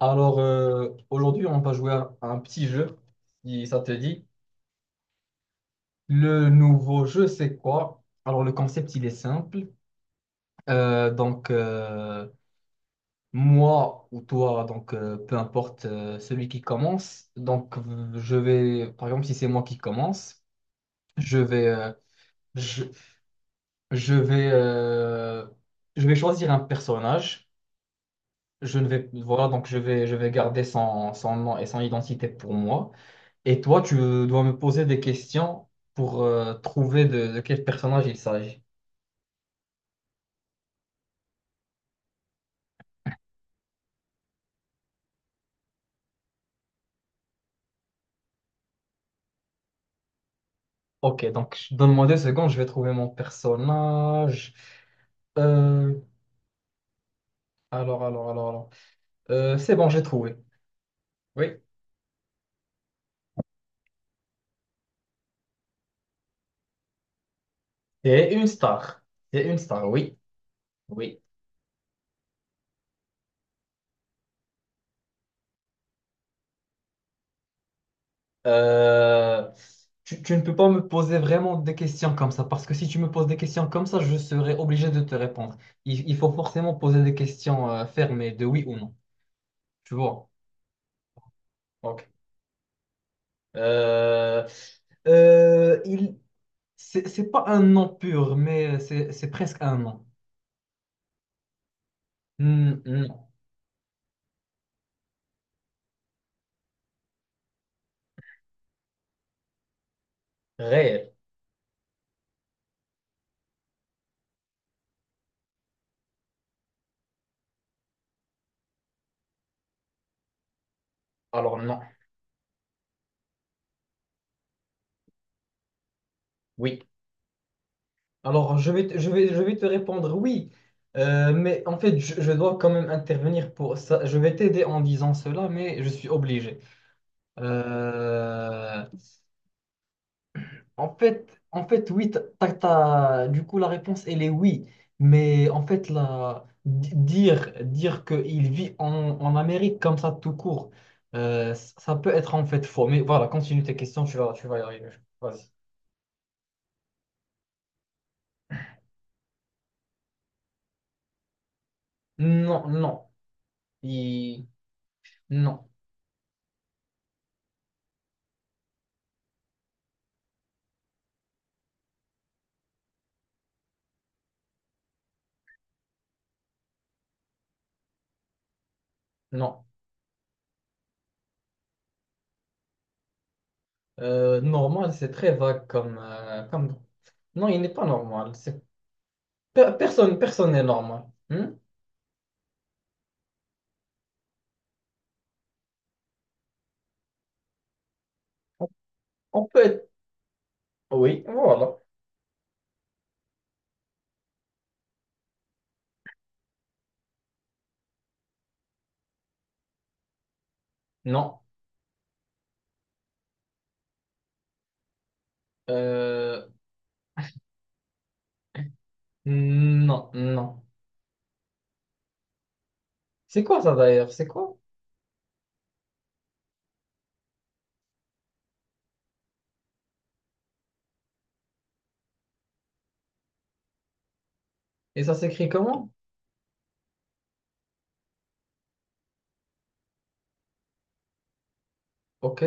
Alors, aujourd'hui, on va jouer à un petit jeu, si ça te dit. Le nouveau jeu, c'est quoi? Alors, le concept, il est simple. Euh, donc, euh, moi ou toi, peu importe celui qui commence. Je vais, par exemple, si c'est moi qui commence, je vais, euh, je, je vais, euh, je vais choisir un personnage. Je ne vais, Voilà, donc, je vais garder son nom et son identité pour moi. Et toi, tu dois me poser des questions pour trouver de quel personnage il s'agit. Ok, donc donne-moi 2 secondes, je vais trouver mon personnage. Euh, alors. C'est bon, j'ai trouvé. Oui. C'est une star. C'est une star, oui. Oui. Euh, tu ne peux pas me poser vraiment des questions comme ça, parce que si tu me poses des questions comme ça, je serai obligé de te répondre. Il faut forcément poser des questions fermées de oui ou non. Tu vois? Ok. Euh, euh, il, c'est pas un nom pur, mais c'est presque un nom. Hmm, non. Réel. Alors non. Oui. Alors je vais te répondre oui. Mais en fait, je dois quand même intervenir pour ça. Je vais t'aider en disant cela, mais je suis obligé. Euh, en fait, oui, du coup, la réponse, elle est oui. Mais en fait, dire qu'il vit en Amérique comme ça, tout court, ça peut être en fait faux. Mais voilà, continue tes questions, tu vas y arriver. Vas-y. Non, non. Il- Non, non. Normal, c'est très vague comme, comme... Non, il n'est pas normal. C'est... per- Personne, personne n'est normal. Hmm On peut être... Oui, voilà. non. Euh, Non, non. C'est quoi ça d'ailleurs? C'est quoi? Et ça s'écrit comment? Ok.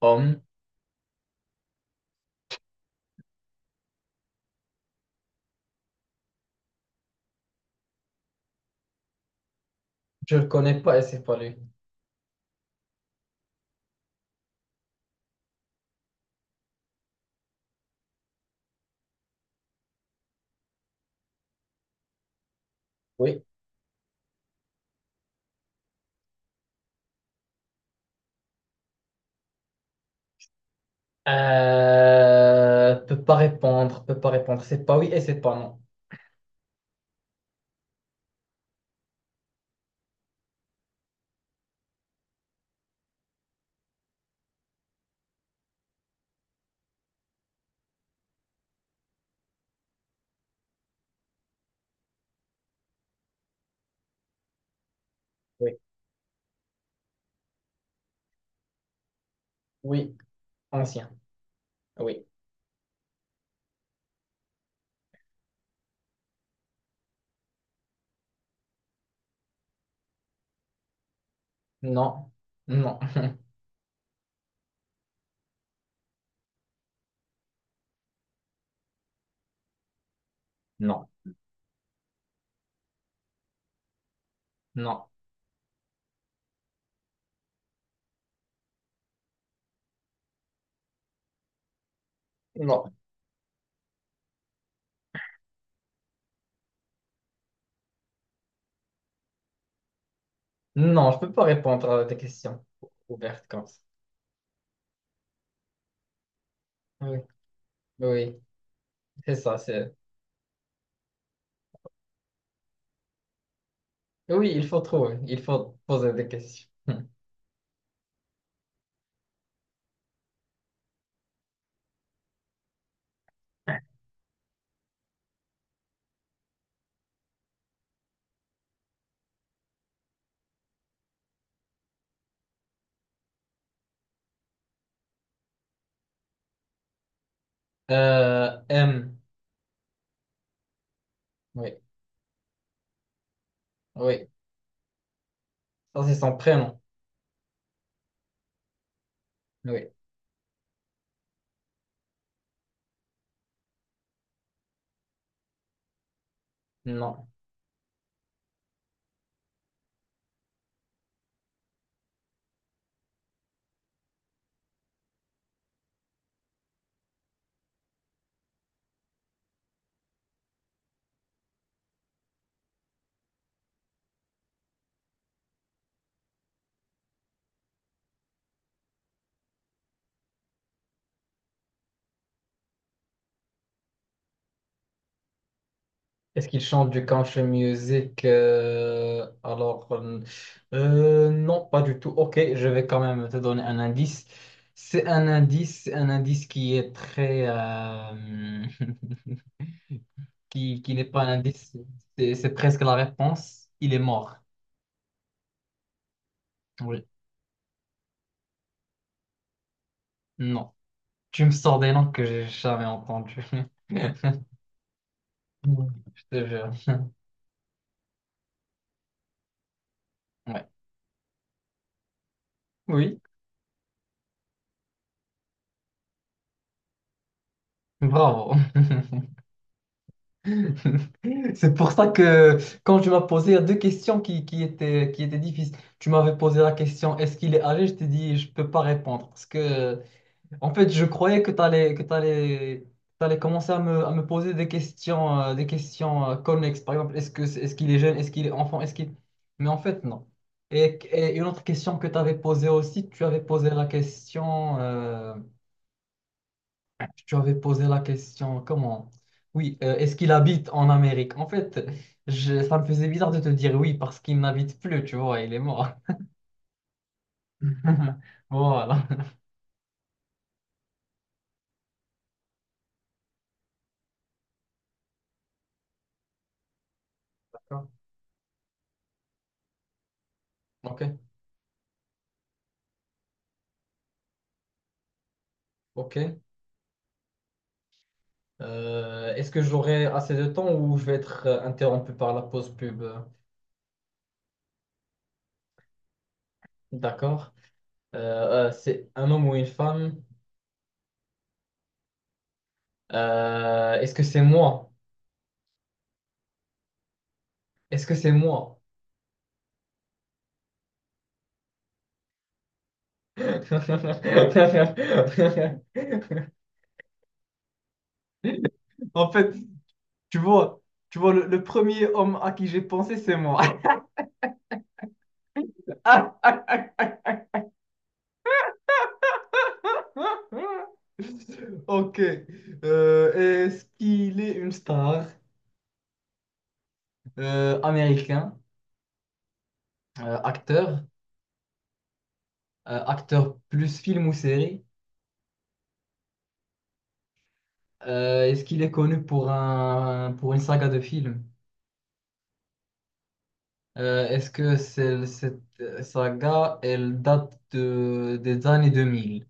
Homme. Je le connais pas et c'est pas lui. Oui. Peut pas répondre. Peut pas répondre. C'est pas oui et c'est pas non. Oui. Oui. Ancien. Oui. Non. Non. Non. Non. Non. Non, je peux pas répondre à tes questions ouvertes comme ça. Oui. Oui. C'est ça. C'est... Oui, il faut trouver. Il faut poser des questions. M. Oui. Oui. Ça, c'est son prénom. Oui. Non. Est-ce qu'il chante du country music Alors, non, pas du tout. Ok, je vais quand même te donner un indice. C'est un indice qui est très... qui n'est pas un indice. C'est presque la réponse. Il est mort. Oui. Non. Tu me sors des noms que j'ai jamais entendus. Je te jure. Ouais. Oui. Bravo. C'est pour ça que quand tu m'as posé il y a deux questions qui étaient difficiles. Tu m'avais posé la question est-ce qu'il est âgé? Je t'ai dit je peux pas répondre. Parce que en fait je croyais que tu allais commencer à me poser des questions, des questions connexes. Par exemple, est-ce qu'il est jeune? Est-ce qu'il est enfant? Est-ce qu'il... Mais en fait non. Et une autre question que tu avais posée aussi, tu avais posé la question. Comment? Oui, est-ce qu'il habite en Amérique? En fait, ça me faisait bizarre de te dire oui parce qu'il n'habite plus, tu vois, il est mort. Voilà. D'accord. Ok, ok. Est-ce que j'aurai assez de temps ou je vais être interrompu par la pause pub? D'accord. C'est un homme ou une femme? Est-ce que c'est moi? Est-ce que c'est moi? En fait, Tu vois, tu vois, le premier homme à qui j'ai pensé, c'est moi. Ok. Euh, Est-ce qu'il est une star américain, acteur, acteur plus film ou série? Est-ce qu'il est connu pour une saga de films? Est-ce que cette saga, elle date des années 2000?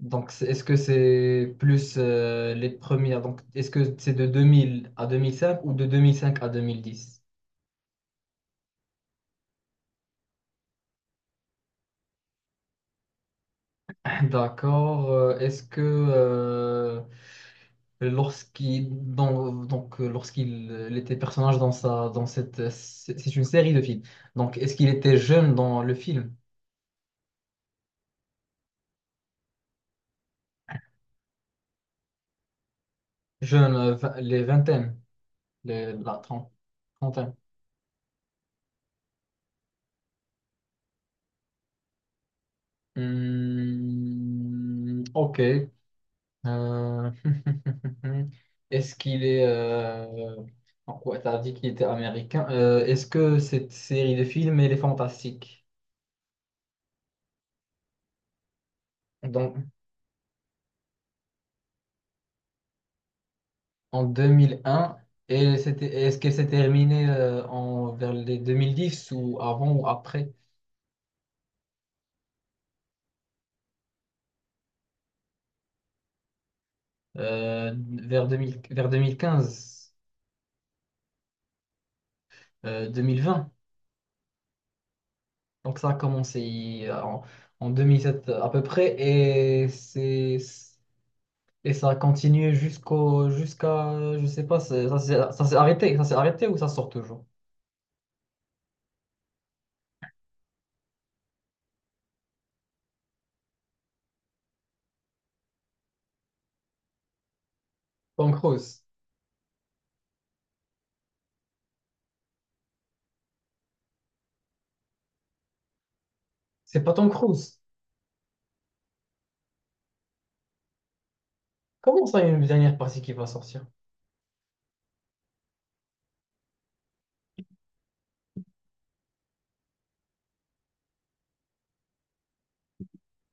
Donc, est-ce que c'est plus les premières? Donc, est-ce que c'est de 2000 à 2005 ou de 2005 à 2010? D'accord. Est-ce que lorsqu'il dans- donc Lorsqu'il était personnage dans sa dans cette, c'est une série de films. Donc, est-ce qu'il était jeune dans le film? Jeune, les vingtaines, la trentaine. Hmm, ok. Euh, Est-ce qu'il est... en quoi t'as dit qu'il était américain. Est-ce que cette série de films, elle est fantastique? Donc, en 2001 et c'était, est-ce qu'elle s'est terminée vers les 2010 ou avant ou après? Vers deux mille vers 2015, 2020. Donc ça a commencé en 2007 à peu près et c'est... Et ça a continué jusqu'à, je sais pas, ça s'est arrêté ou ça sort toujours? Tom Cruise. C'est pas Tom Cruise. Comment ça, il y a une dernière partie qui va sortir?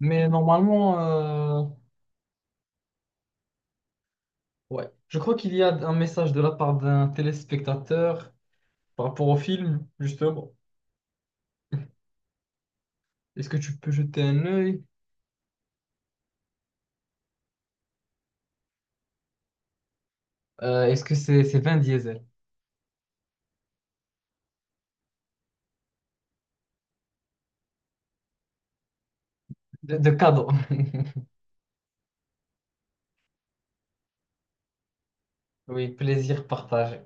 Mais normalement, ouais. Je crois qu'il y a un message de la part d'un téléspectateur par rapport au film, justement. Est-ce que tu peux jeter un œil? Est-ce que c'est Vin Diesel? De cadeau. Oui, plaisir partagé.